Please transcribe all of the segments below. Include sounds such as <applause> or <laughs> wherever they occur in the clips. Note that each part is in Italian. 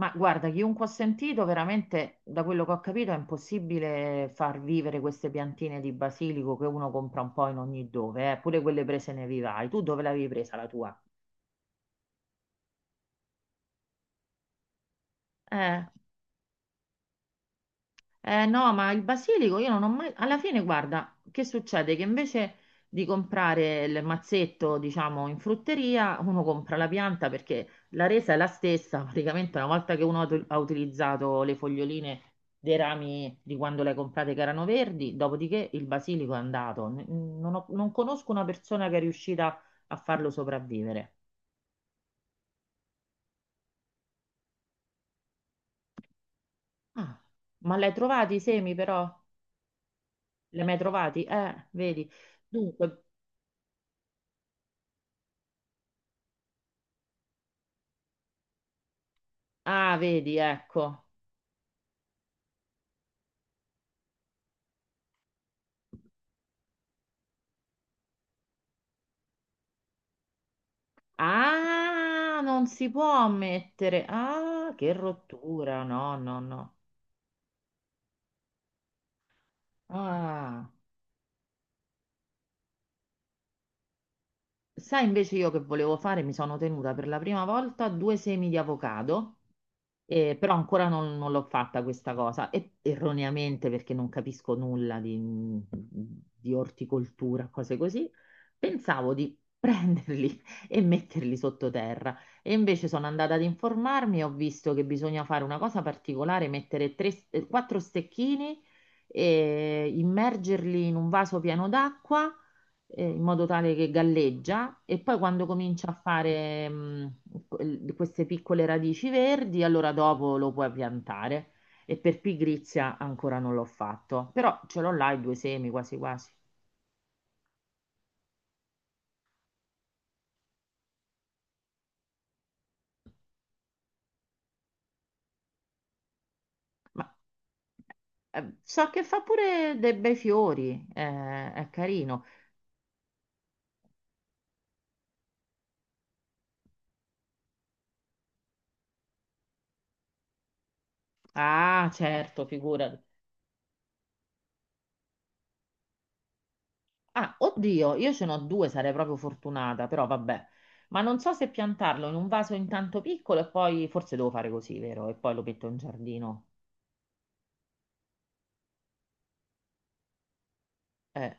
Ma guarda, chiunque ho sentito, veramente, da quello che ho capito, è impossibile far vivere queste piantine di basilico che uno compra un po' in ogni dove, pure quelle prese nei vivai. Tu dove l'avevi presa la tua? Eh. No, ma il basilico io non ho mai... Alla fine, guarda, che succede? Che invece di comprare il mazzetto, diciamo, in frutteria, uno compra la pianta perché la resa è la stessa. <laughs> Praticamente una volta che uno ha utilizzato le foglioline dei rami di quando le hai comprate che erano verdi, dopodiché il basilico è andato. Non conosco una persona che è riuscita a farlo sopravvivere. Ah, ma l'hai trovati i semi però? Li hai mai trovati? Vedi. Dunque, ah, vedi, ecco. Ah, non si può mettere. Ah, che rottura. No, no, no. Ah. Sai invece io che volevo fare? Mi sono tenuta per la prima volta due semi di avocado. Però ancora non l'ho fatta questa cosa, e erroneamente perché non capisco nulla di orticoltura, cose così, pensavo di prenderli <laughs> e metterli sottoterra. E invece sono andata ad informarmi e ho visto che bisogna fare una cosa particolare, mettere quattro stecchini e immergerli in un vaso pieno d'acqua, in modo tale che galleggia e poi quando comincia a fare queste piccole radici verdi, allora dopo lo puoi piantare. E per pigrizia ancora non l'ho fatto, però ce l'ho là i due semi, quasi quasi. Ma so che fa pure dei bei fiori, è carino. Ah, certo, figura. Ah, oddio, io ce n'ho due, sarei proprio fortunata, però vabbè. Ma non so se piantarlo in un vaso intanto piccolo e poi forse devo fare così, vero? E poi lo metto in giardino. Eh,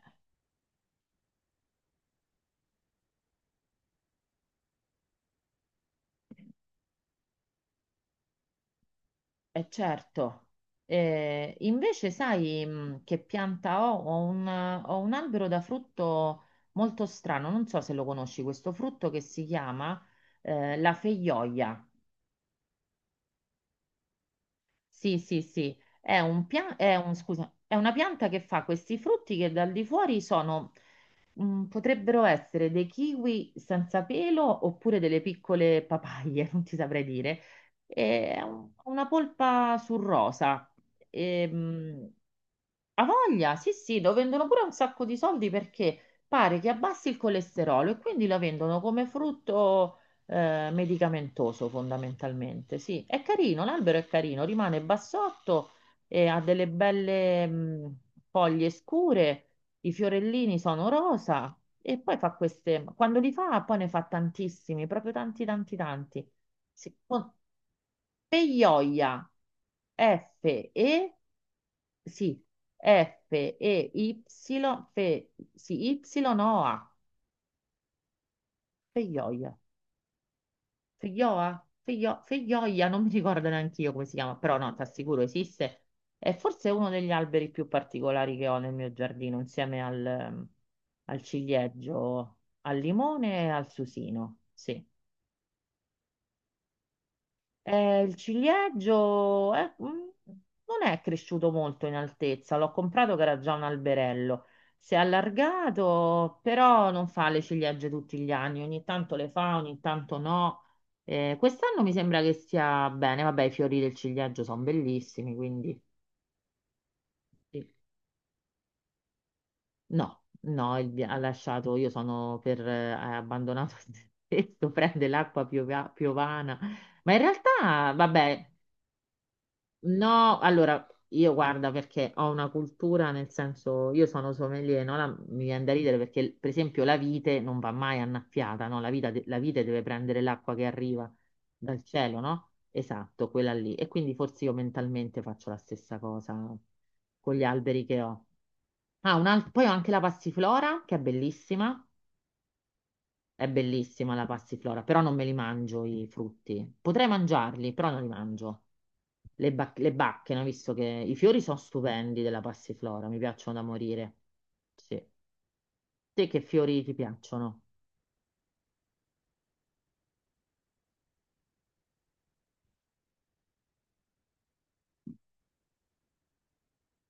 certo. Invece sai che pianta ho? Ho ho un albero da frutto molto strano, non so se lo conosci, questo frutto che si chiama la feijoia. Sì, sì, sì, è un pia- è un- scusa, è una pianta che fa questi frutti che dal di fuori sono, mm, potrebbero essere dei kiwi senza pelo oppure delle piccole papaie, <laughs> non ti saprei dire. È una polpa sul rosa. Ehm, Ha voglia, sì, sì, lo vendono pure un sacco di soldi perché pare che abbassi il colesterolo e quindi lo vendono come frutto medicamentoso fondamentalmente. Sì, è carino, l'albero è carino, rimane bassotto e ha delle belle foglie scure, i fiorellini sono rosa e poi fa queste, quando li fa poi ne fa tantissimi, proprio tanti tanti tanti. Sì, con Peioia, FE sì, FEY, sì, Y OA, Peioia. Feijoa? Feijoia, non mi ricordo neanche io come si chiama, però no, ti assicuro esiste. È forse uno degli alberi più particolari che ho nel mio giardino, insieme al, al ciliegio, al limone e al susino. Sì. Il ciliegio non è cresciuto molto in altezza, l'ho comprato che era già un alberello. Si è allargato, però non fa le ciliegie tutti gli anni, ogni tanto le fa, ogni tanto no. Quest'anno mi sembra che stia bene, vabbè, i fiori del ciliegio sono bellissimi, quindi sì. No, no, ha lasciato, io sono per, ha abbandonato <laughs> il tetto, prende l'acqua piovana. Ma in realtà, vabbè, no, allora io guarda perché ho una cultura, nel senso io sono sommelier, no? Mi viene da ridere perché per esempio la vite non va mai annaffiata, no? La vite deve prendere l'acqua che arriva dal cielo, no? Esatto, quella lì. E quindi forse io mentalmente faccio la stessa cosa con gli alberi che ho. Ah, poi ho anche la passiflora che è bellissima la passiflora, però non me li mangio i frutti. Potrei mangiarli, però non li mangio. Le bacche, no? Visto che i fiori sono stupendi della passiflora, mi piacciono da morire. Sì. Te che fiori ti piacciono?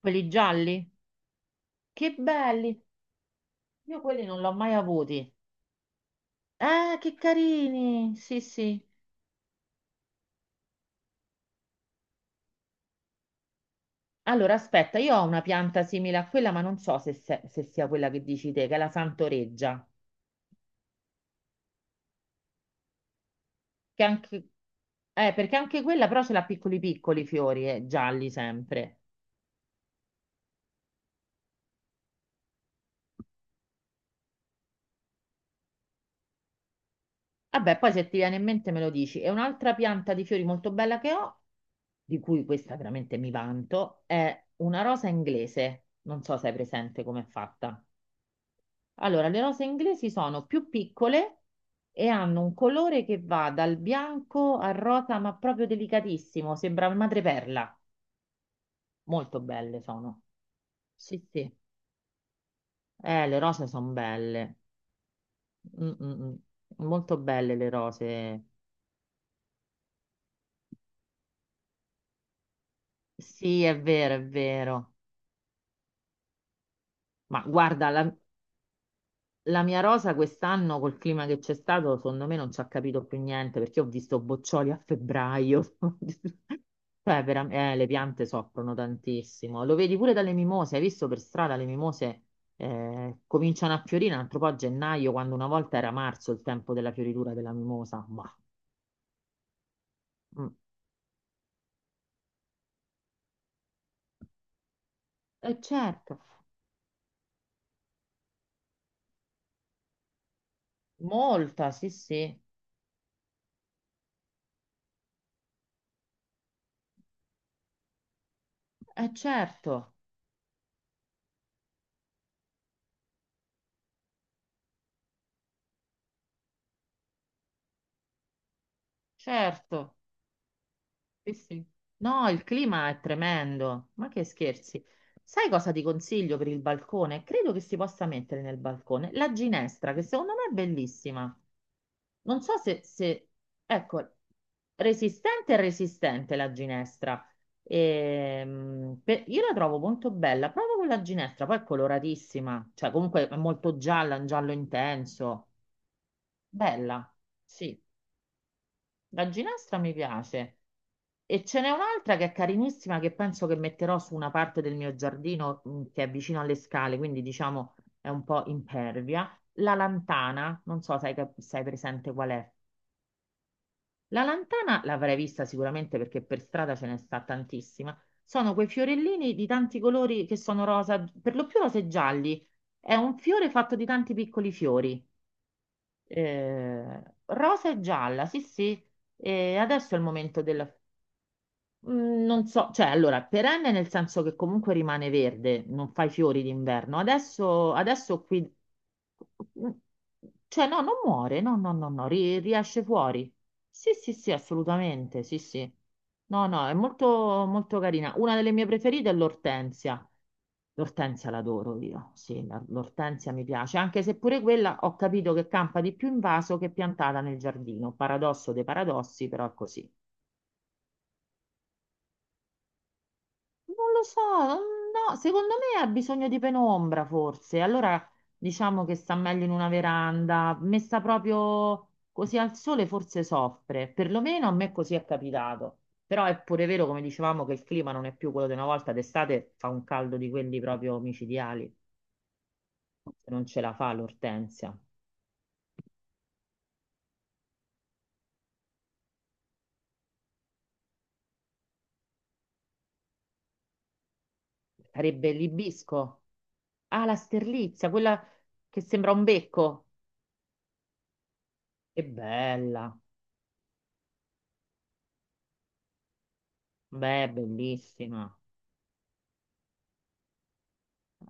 Quelli gialli? Che belli! Io quelli non li ho mai avuti. Ah, che carini! Sì, sì. Allora, aspetta, io ho una pianta simile a quella, ma non so se sia quella che dici te, che è la Santoreggia. Che anche... perché anche quella però ce l'ha piccoli piccoli fiori, gialli sempre. Vabbè, poi se ti viene in mente me lo dici. E un'altra pianta di fiori molto bella che ho, di cui questa veramente mi vanto, è una rosa inglese. Non so se hai presente com'è fatta. Allora, le rose inglesi sono più piccole e hanno un colore che va dal bianco al rosa, ma proprio delicatissimo, sembra madreperla. Molto belle sono. Sì, sì. Le rose sono belle. Mm, mm, mm. Molto belle le rose. Sì, è vero, è vero. Ma guarda, la mia rosa quest'anno, col clima che c'è stato, secondo me non ci ha capito più niente perché ho visto boccioli a febbraio. <laughs> Cioè, le piante soffrono tantissimo. Lo vedi pure dalle mimose. Hai visto per strada le mimose cominciano a fiorire un altro po' a gennaio, quando una volta era marzo il tempo della fioritura della mimosa. Ma, mm. Certo, molta, sì, sì. Certo, certo. Sì, sì. No, il clima è tremendo. Ma che scherzi. Sai cosa ti consiglio per il balcone? Credo che si possa mettere nel balcone la ginestra, che secondo me è bellissima. Non so ecco, resistente e resistente la ginestra. Io la trovo molto bella, proprio con la ginestra, poi è coloratissima, cioè comunque è molto gialla, un giallo intenso. Bella, sì. La ginestra mi piace. E ce n'è un'altra che è carinissima che penso che metterò su una parte del mio giardino che è vicino alle scale, quindi diciamo è un po' impervia. La lantana, non so se hai, se hai presente qual è. La lantana l'avrei vista sicuramente perché per strada ce ne sta tantissima. Sono quei fiorellini di tanti colori che sono rosa, per lo più rosa e gialli. È un fiore fatto di tanti piccoli fiori. Rosa e gialla, sì, sì. E adesso è il momento del, mm, non so, cioè allora, perenne nel senso che comunque rimane verde, non fai fiori d'inverno. Adesso, adesso qui, mhmm, cioè no, non muore, no, no, no, no, riesce fuori. Sì, sì, sì, assolutamente, sì, sì. No, no, è molto, molto carina. Una delle mie preferite è l'ortensia. L'ortensia l'adoro io, sì, l'ortensia mi piace, anche se pure quella ho capito che campa di più in vaso che piantata nel giardino. Paradosso dei paradossi, però è così. Non lo so, mm, no, secondo me ha bisogno di penombra forse. Allora diciamo che sta meglio in una veranda, messa proprio così al sole forse soffre. Perlomeno a me così è capitato. Però è pure vero, come dicevamo, che il clima non è più quello di una volta. D'estate fa un caldo di quelli proprio micidiali. Non ce la fa l'ortensia. Sarebbe l'ibisco. Ah, la sterlizia, quella che sembra un becco. È bella. Beh, è bellissima.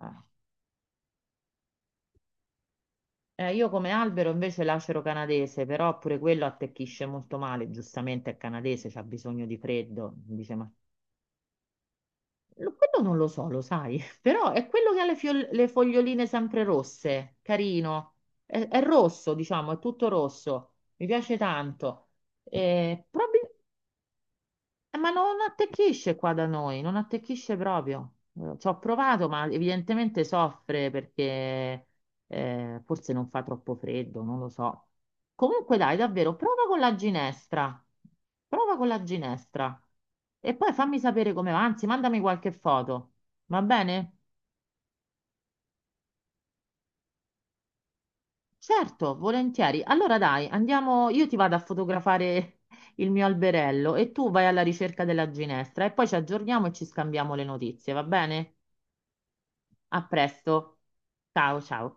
Eh. Io come albero invece l'acero canadese, però pure quello attecchisce molto male, giustamente è canadese, c'ha bisogno di freddo. Dice, ma quello non lo so, lo sai, <laughs> però è quello che ha le, le foglioline sempre rosse, carino. È rosso, diciamo, è tutto rosso, mi piace tanto. Eh, probabil- ma non attecchisce qua da noi, non attecchisce proprio. Ci ho provato, ma evidentemente soffre perché forse non fa troppo freddo, non lo so. Comunque dai, davvero, prova con la ginestra. Prova con la ginestra. E poi fammi sapere come va, anzi, mandami qualche foto. Va bene? Certo, volentieri. Allora dai, andiamo, io ti vado a fotografare <laughs> il mio alberello e tu vai alla ricerca della ginestra e poi ci aggiorniamo e ci scambiamo le notizie, va bene? A presto. Ciao, ciao.